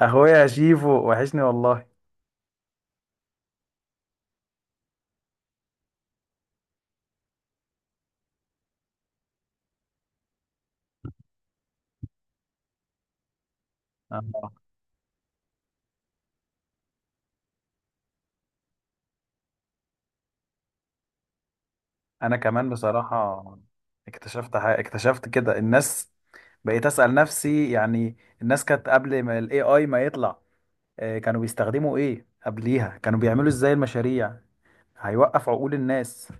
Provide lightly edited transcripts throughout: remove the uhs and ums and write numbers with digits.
اخويا يا شيفو وحشني والله. آه. انا كمان بصراحة، اكتشفت كده الناس، بقيت اسأل نفسي، يعني الناس كانت قبل ما الاي اي ما يطلع، كانوا بيستخدموا ايه قبليها؟ كانوا بيعملوا ازاي المشاريع؟ هيوقف عقول الناس.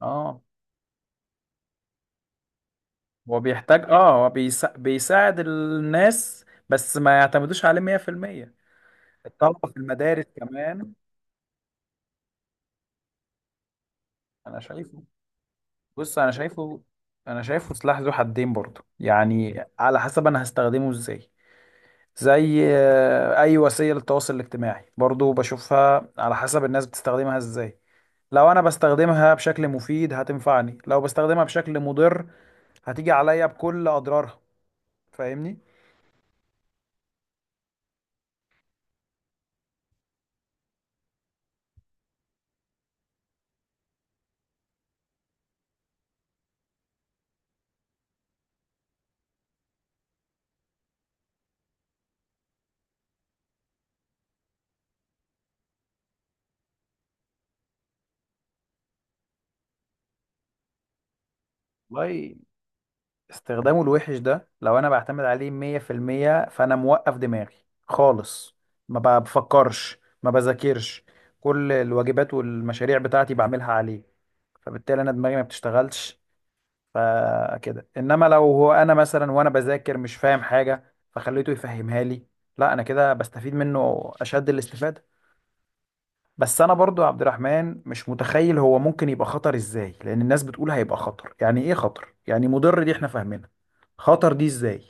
اه، هو بيحتاج. بيساعد الناس بس ما يعتمدوش عليه 100%. الطلبة في المدارس كمان. انا شايفه بص انا شايفه انا شايفه سلاح ذو حدين برضه، يعني على حسب انا هستخدمه ازاي. زي اي وسيله للتواصل الاجتماعي برضه، بشوفها على حسب الناس بتستخدمها ازاي. لو انا بستخدمها بشكل مفيد هتنفعني، لو بستخدمها بشكل مضر هتيجي عليا بكل اضرارها. فاهمني؟ والله، استخدامه الوحش ده لو انا بعتمد عليه 100% فانا موقف دماغي خالص، ما بفكرش ما بذاكرش، كل الواجبات والمشاريع بتاعتي بعملها عليه، فبالتالي انا دماغي ما بتشتغلش. فكده. انما لو هو، انا مثلا وانا بذاكر مش فاهم حاجة فخليته يفهمها لي، لا انا كده بستفيد منه اشد الاستفادة. بس انا برضو يا عبد الرحمن مش متخيل هو ممكن يبقى خطر ازاي، لان الناس بتقول هيبقى خطر، يعني ايه خطر؟ يعني مضر دي احنا فاهمينها، خطر دي ازاي؟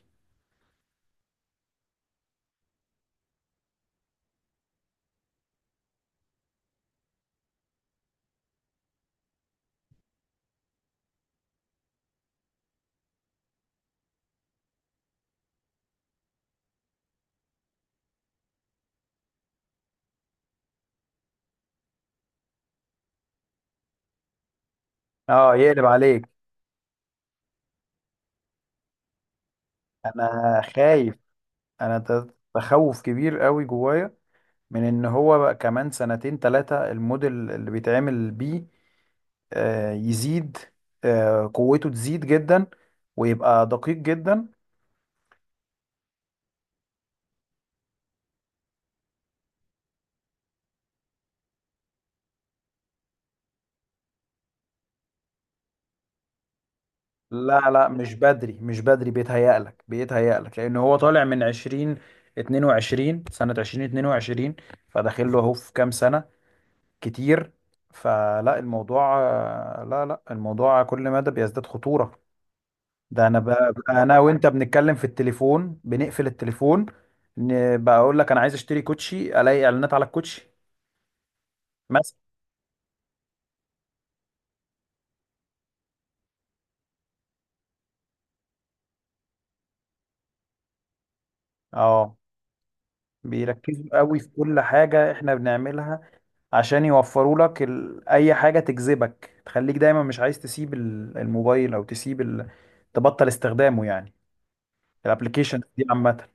اه، يقلب عليك. انا خايف، انا تخوف كبير قوي جوايا من ان هو بقى كمان سنتين ثلاثة الموديل اللي بيتعمل بيه يزيد، قوته تزيد جدا، ويبقى دقيق جدا. لا لا، مش بدري مش بدري، بيتهيألك بيتهيألك، لأن هو طالع من 20 22 سنة، 2022، فداخل له أهو في كام سنة. كتير. فلا الموضوع، لا لا، الموضوع كل مدى بيزداد خطورة. ده أنا بقى بقى، أنا وأنت بنتكلم في التليفون، بنقفل التليفون، بقى أقول لك أنا عايز أشتري كوتشي، ألاقي إعلانات على الكوتشي، مثلا. أه. بيركزوا قوي في كل حاجة إحنا بنعملها، عشان يوفروا لك ال... اي حاجه تجذبك، تخليك دايما مش عايز تسيب الموبايل او تسيب ال... تبطل استخدامه يعني، الابلكيشن دي عامه.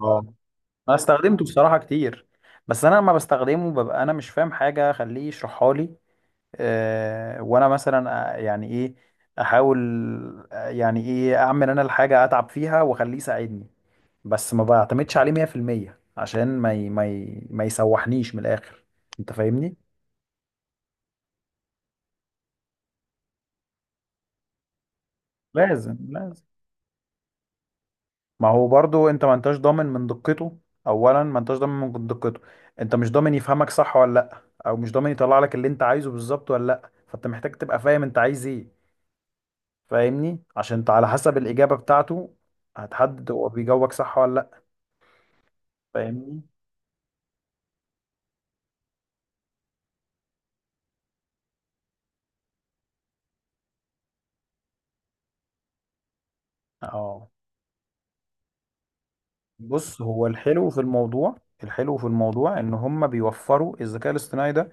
اه، انا استخدمته بصراحه كتير، بس انا لما بستخدمه ببقى انا مش فاهم حاجه خليه يشرحها لي. أه. وانا مثلا يعني ايه، احاول يعني ايه، اعمل انا الحاجه، اتعب فيها واخليه يساعدني، بس ما بعتمدش عليه 100% عشان ما يسوحنيش من الاخر. انت فاهمني؟ لازم لازم. ما هو برضو انت ما انتش ضامن من دقته، اولا ما انتش ضامن من دقته، انت مش ضامن يفهمك صح ولا لا، او مش ضامن يطلع لك اللي انت عايزه بالظبط ولا لا، فانت محتاج تبقى فاهم انت عايز ايه. فاهمني؟ عشان انت على حسب الاجابة بتاعته هتحدد هو بيجاوبك صح ولا لا. فاهمني؟ اه. بص، هو الحلو في الموضوع، الحلو في الموضوع، ان هم بيوفروا الذكاء الاصطناعي ده،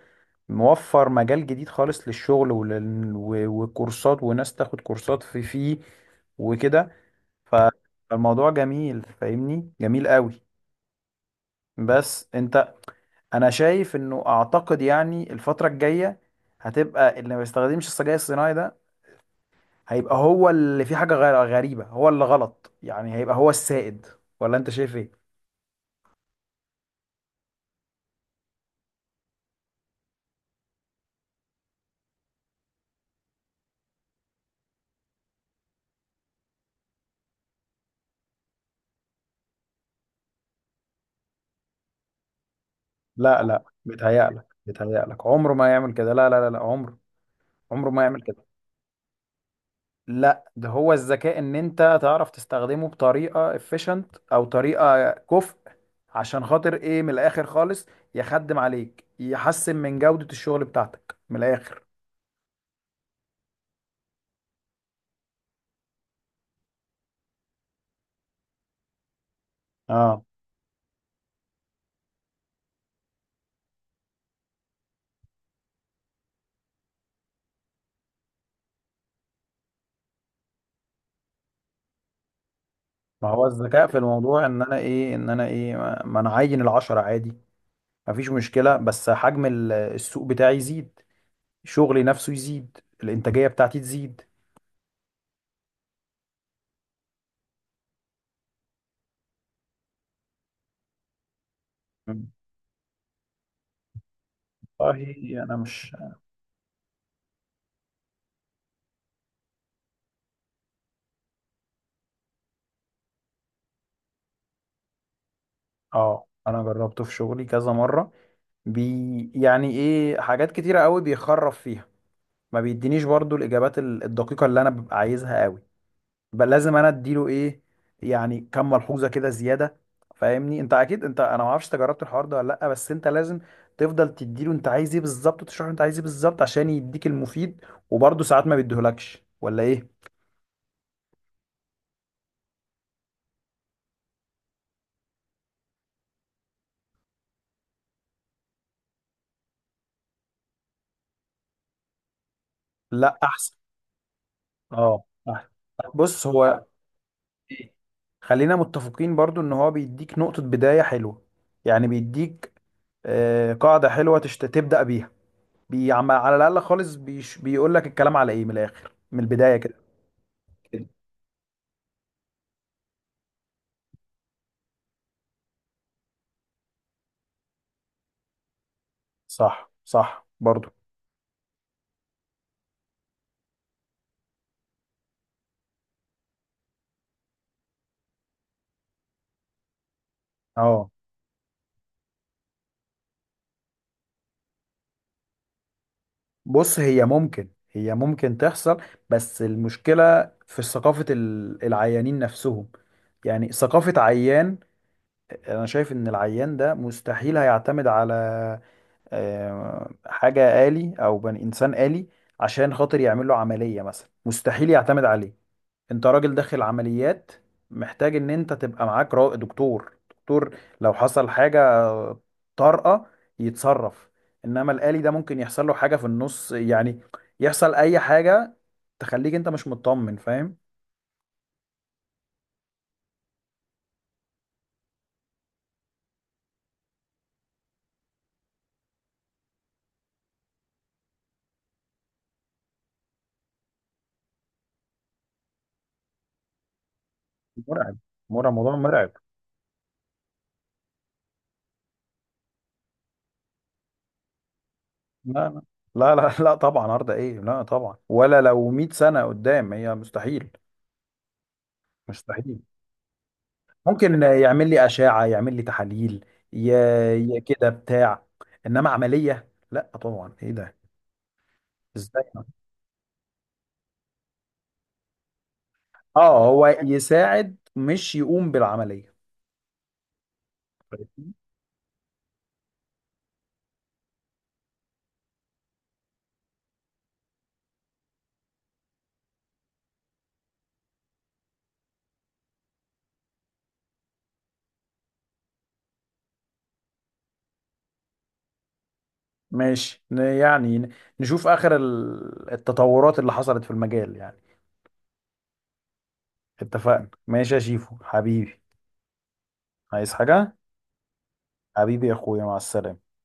موفر مجال جديد خالص للشغل، ولل... و... وكورسات، وناس تاخد كورسات في فيه، وكده. ف-. فالموضوع جميل، فاهمني؟ جميل قوي. بس انت، انا شايف انه، اعتقد يعني الفترة الجاية هتبقى اللي ما بيستخدمش السجاير الصناعي ده هيبقى هو اللي فيه حاجة غريبة، هو اللي غلط يعني، هيبقى هو السائد. ولا انت شايف ايه؟ لا لا، بيتهيألك بيتهيألك، عمره ما يعمل كده، لا لا لا لا، عمره، عمره ما يعمل كده. لا، ده هو الذكاء، ان انت تعرف تستخدمه بطريقه efficient، او طريقه كفء، عشان خاطر ايه، من الاخر خالص، يخدم عليك، يحسن من جوده الشغل بتاعتك من الاخر. اه. ما هو الذكاء في الموضوع، ان انا ايه، ان انا ايه، ما انا عين العشرة عادي، مفيش مشكله، بس حجم السوق بتاعي يزيد، شغلي نفسه يزيد، الانتاجيه بتاعتي تزيد. مم. والله، انا مش. اه، انا جربته في شغلي كذا مره. بي، يعني ايه، حاجات كتيرة قوي بيخرف فيها، ما بيدينيش برضو الإجابات الدقيقة اللي أنا ببقى عايزها قوي، بل لازم أنا أديله إيه، يعني كم ملحوظة كده زيادة. فاهمني؟ أنت أكيد. أنت، أنا ما أعرفش أنت جربت الحوار ده ولا لأ، بس أنت لازم تفضل تديله أنت عايز إيه بالظبط، وتشرح له أنت عايز إيه بالظبط عشان يديك المفيد، وبرضه ساعات ما بيديهولكش ولا إيه؟ لأ، أحسن. أه، أحسن. بص هو، إيه، خلينا متفقين برضو ان هو بيديك نقطة بداية حلوة، يعني بيديك قاعدة حلوة تبدأ بيها، على الأقل خالص، بيقول لك الكلام على إيه من الآخر من البداية كده. صح صح برضو. اه. بص، هي ممكن، هي ممكن تحصل، بس المشكلة في ثقافة العيانين نفسهم، يعني ثقافة عيان. أنا شايف إن العيان ده مستحيل هيعتمد على حاجة آلي أو بني إنسان آلي عشان خاطر يعمل له عملية مثلا، مستحيل يعتمد عليه. انت راجل داخل عمليات، محتاج ان انت تبقى معاك دكتور، دكتور لو حصل حاجة طارئة يتصرف، انما الآلي ده ممكن يحصل له حاجة في النص يعني، يحصل اي حاجة تخليك انت مش مطمن، فاهم؟ مرعب، مرعب، موضوع مرعب. لا لا لا لا، لا طبعا، عرض ايه، لا طبعا، ولا لو 100 سنة قدام، هي مستحيل، مستحيل. ممكن يعمل لي أشعة، يعمل لي تحاليل، ي..., كده بتاع، انما عملية لا طبعا، ايه ده؟ ازاي؟ اه، هو يساعد مش يقوم بالعملية. ماشي، يعني نشوف آخر التطورات اللي حصلت في المجال يعني. اتفقنا، ماشي يا شيفو حبيبي. عايز حاجة؟ حبيبي، يا اخويا، مع السلامة.